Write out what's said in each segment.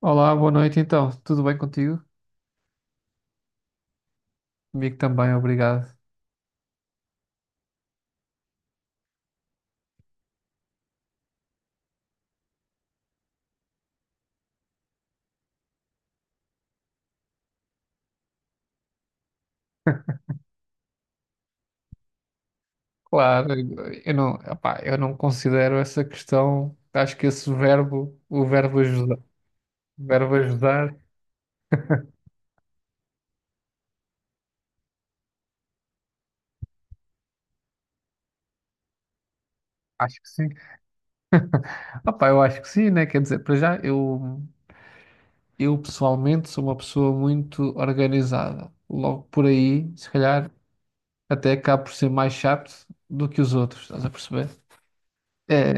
Olá, boa noite então. Tudo bem contigo? Comigo também, obrigado. Claro. Eu não considero essa questão, acho que esse verbo, o verbo ajudar. Acho que sim. Opá, eu acho que sim, né? Quer dizer, para já, eu pessoalmente sou uma pessoa muito organizada. Logo por aí, se calhar, até acabo por ser mais chato do que os outros, estás a perceber? É,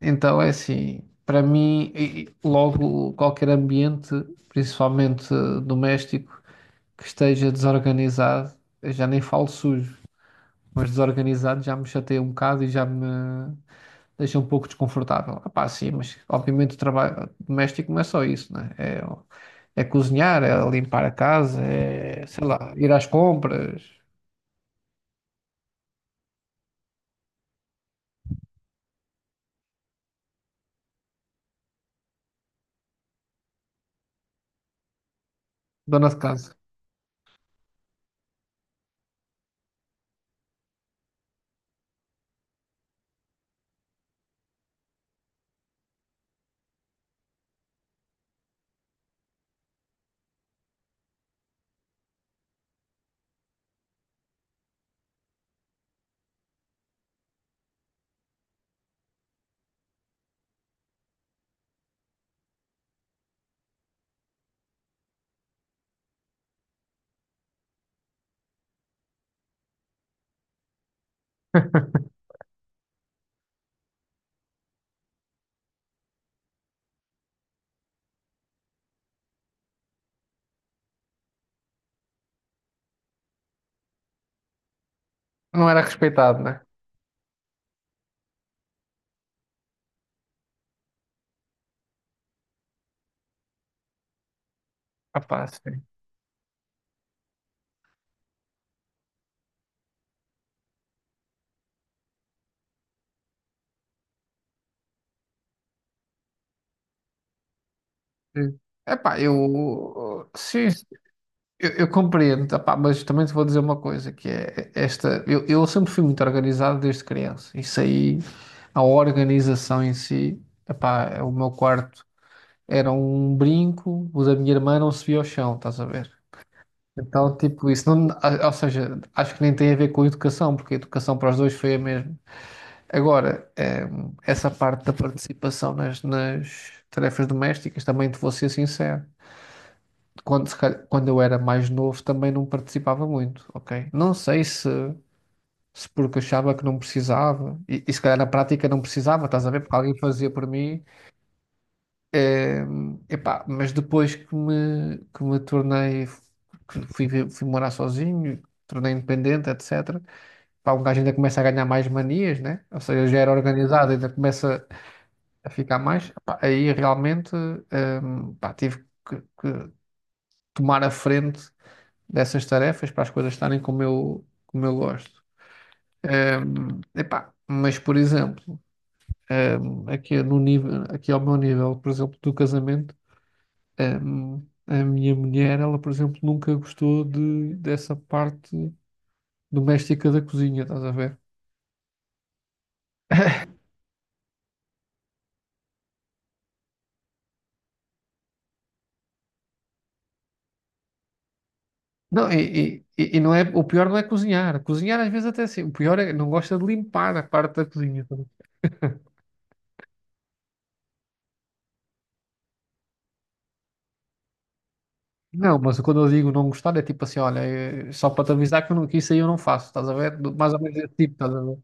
então é assim, para mim, e logo qualquer ambiente, principalmente doméstico, que esteja desorganizado, eu já nem falo sujo, mas desorganizado já me chateia um bocado e já me deixa um pouco desconfortável. Ah, pá, sim, mas obviamente o trabalho doméstico não é só isso, né? É cozinhar, é limpar a casa, é, sei lá, ir às compras, dona de casa. Não era respeitado, né? Ah, pá, sim. Sim. Epá, eu sim, eu compreendo, epá, mas também te vou dizer uma coisa, que é esta, eu sempre fui muito organizado desde criança. Isso aí, a organização em si, epá, o meu quarto era um brinco, o da minha irmã não se via ao chão, estás a ver? Então, tipo, isso não, a- ou seja, acho que nem tem a ver com educação, porque a educação para os dois foi a mesma. Agora, essa parte da participação nas tarefas domésticas, também te vou ser sincero quando, se calhar- quando eu era mais novo também não participava muito, ok? Não sei se, se porque achava que não precisava, e se calhar na prática não precisava, estás a ver? Porque alguém fazia por mim, eh, epá, mas depois que me tornei, que fui, fui morar sozinho, tornei independente, etc. Pá, um gajo ainda começa a ganhar mais manias, né? Ou seja, já era organizado, ainda começa a ficar mais. Epá, aí realmente, eh, pá, tive que tomar a frente dessas tarefas para as coisas estarem como eu gosto. Epá, mas, por exemplo, aqui, no nível, aqui ao meu nível, por exemplo, do casamento, a minha mulher, ela, por exemplo, nunca gostou dessa parte doméstica da cozinha, estás a ver? Não, e não é, o pior não é cozinhar. Cozinhar às vezes até assim, o pior é não gosta de limpar a parte da cozinha. Não, mas quando eu digo não gostar, é tipo assim, olha, é só para te avisar que, eu não, que isso aí eu não faço, estás a ver? Do- Mais ou menos esse tipo, estás a ver?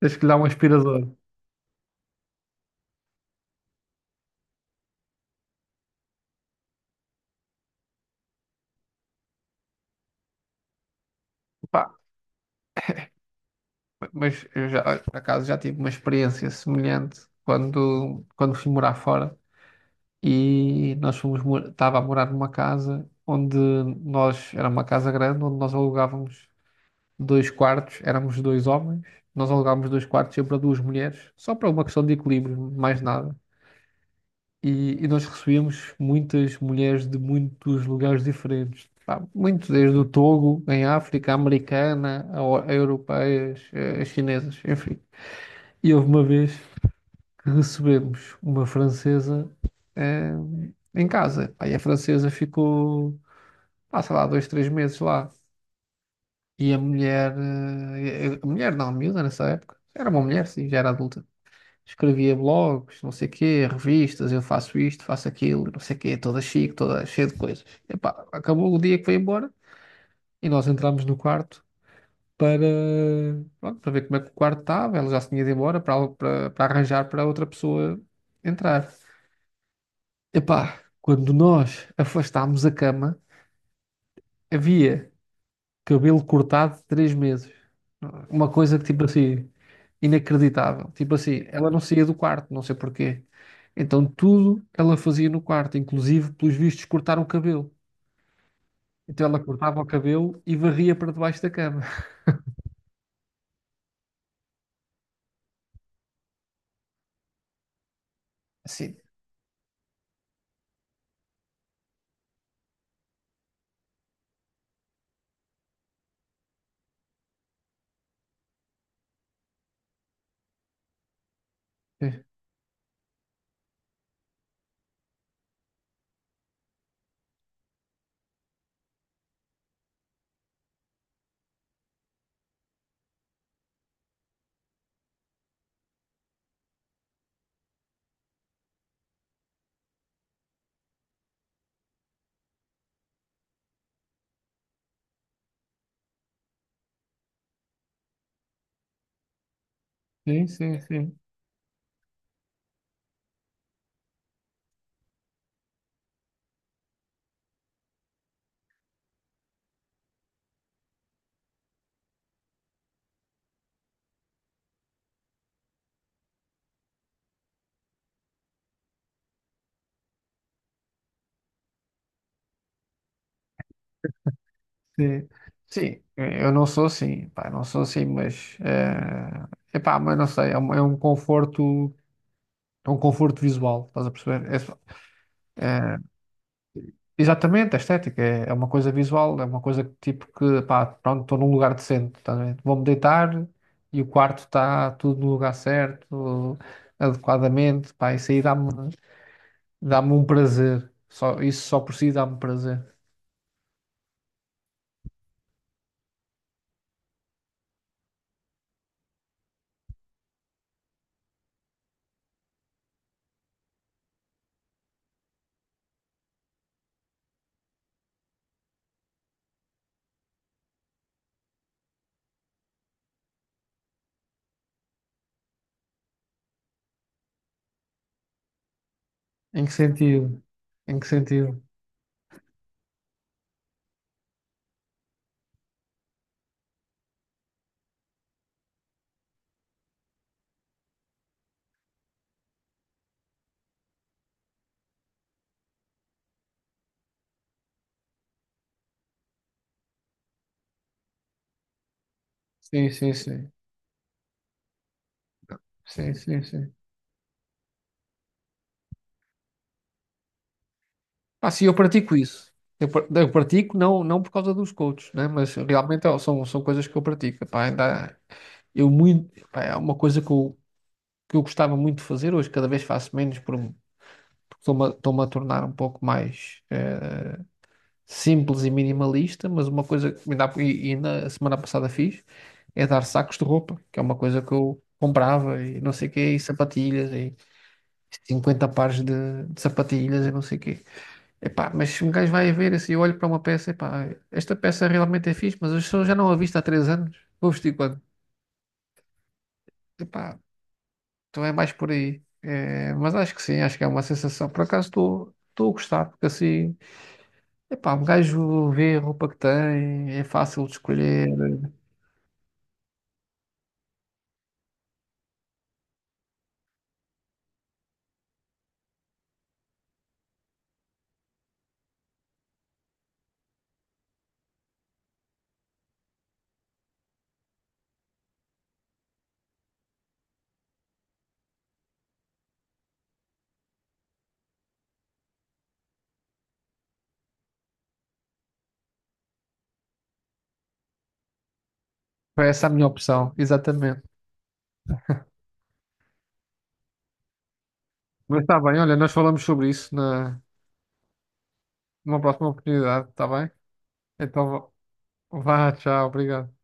Tens que lhe dar um aspirador. Pá, mas eu já, por acaso, já tive uma experiência semelhante quando fui morar fora e nós estava a morar numa casa onde nós, era uma casa grande, onde nós alugávamos dois quartos, éramos dois homens, nós alugávamos dois quartos sempre para duas mulheres, só para uma questão de equilíbrio, mais nada. E, e nós recebíamos muitas mulheres de muitos lugares diferentes. Pá, muito desde o Togo, em África, a americana, a europeias, a chinesas, enfim. E houve uma vez que recebemos uma francesa eh, em casa. Aí a francesa ficou, pá, sei lá, dois, três meses lá. E a mulher, a mulher não, a miúda nessa época, era uma mulher, sim, já era adulta. Escrevia blogs, não sei o quê, revistas, eu faço isto, faço aquilo, não sei o quê, toda chique, toda cheia de coisas. Epá, acabou o dia que foi embora e nós entramos no quarto para, pronto, para ver como é que o quarto estava. Ela já se tinha ido embora para, para arranjar para outra pessoa entrar. Epá, quando nós afastámos a cama, havia cabelo cortado de 3 meses. Uma coisa que, tipo assim, inacreditável. Tipo assim, ela não saía do quarto, não sei porquê. Então tudo ela fazia no quarto, inclusive, pelos vistos, cortar o cabelo. Então ela cortava o cabelo e varria para debaixo da cama. Sim, sim, sim, sim, sim. Sim, eu não sou assim, pá, não sou assim, mas, é, epá, mas não sei, é um conforto visual, estás a perceber? Exatamente, a estética é, é uma coisa visual, é uma coisa que, tipo que, pá, pronto, estou num lugar decente, tá bem? Vou-me deitar e o quarto está tudo no lugar certo, adequadamente, pá, isso aí dá-me um prazer, só, isso só por si dá-me prazer. Em que sentido? Em que sentido? Sim, sim, sim, sim, sim, sim. Ah sim, eu pratico isso. Eu pratico não, não por causa dos coaches, né? Mas realmente ó, são coisas que eu pratico, pá, ainda, eu muito, pá, é uma coisa que eu gostava muito de fazer, hoje cada vez faço menos porque estou-me a tornar um pouco mais simples e minimalista, mas uma coisa que ainda, e na semana passada fiz é dar sacos de roupa, que é uma coisa que eu comprava e não sei o quê, e sapatilhas, e 50 pares de sapatilhas e não sei o quê. Epá, mas se um gajo vai a ver assim, eu olho para uma peça, epá, esta peça realmente é fixe, mas eu só já não a visto há 3 anos, vou vestir quando? Epá, então é mais por aí. É, mas acho que sim, acho que é uma sensação. Por acaso estou a gostar, porque assim, epá, um gajo vê a roupa que tem, é fácil de escolher. Foi essa a minha opção, exatamente. Mas está bem, olha, nós falamos sobre isso na, numa próxima oportunidade, está bem? Então vá, vá, tchau, obrigado.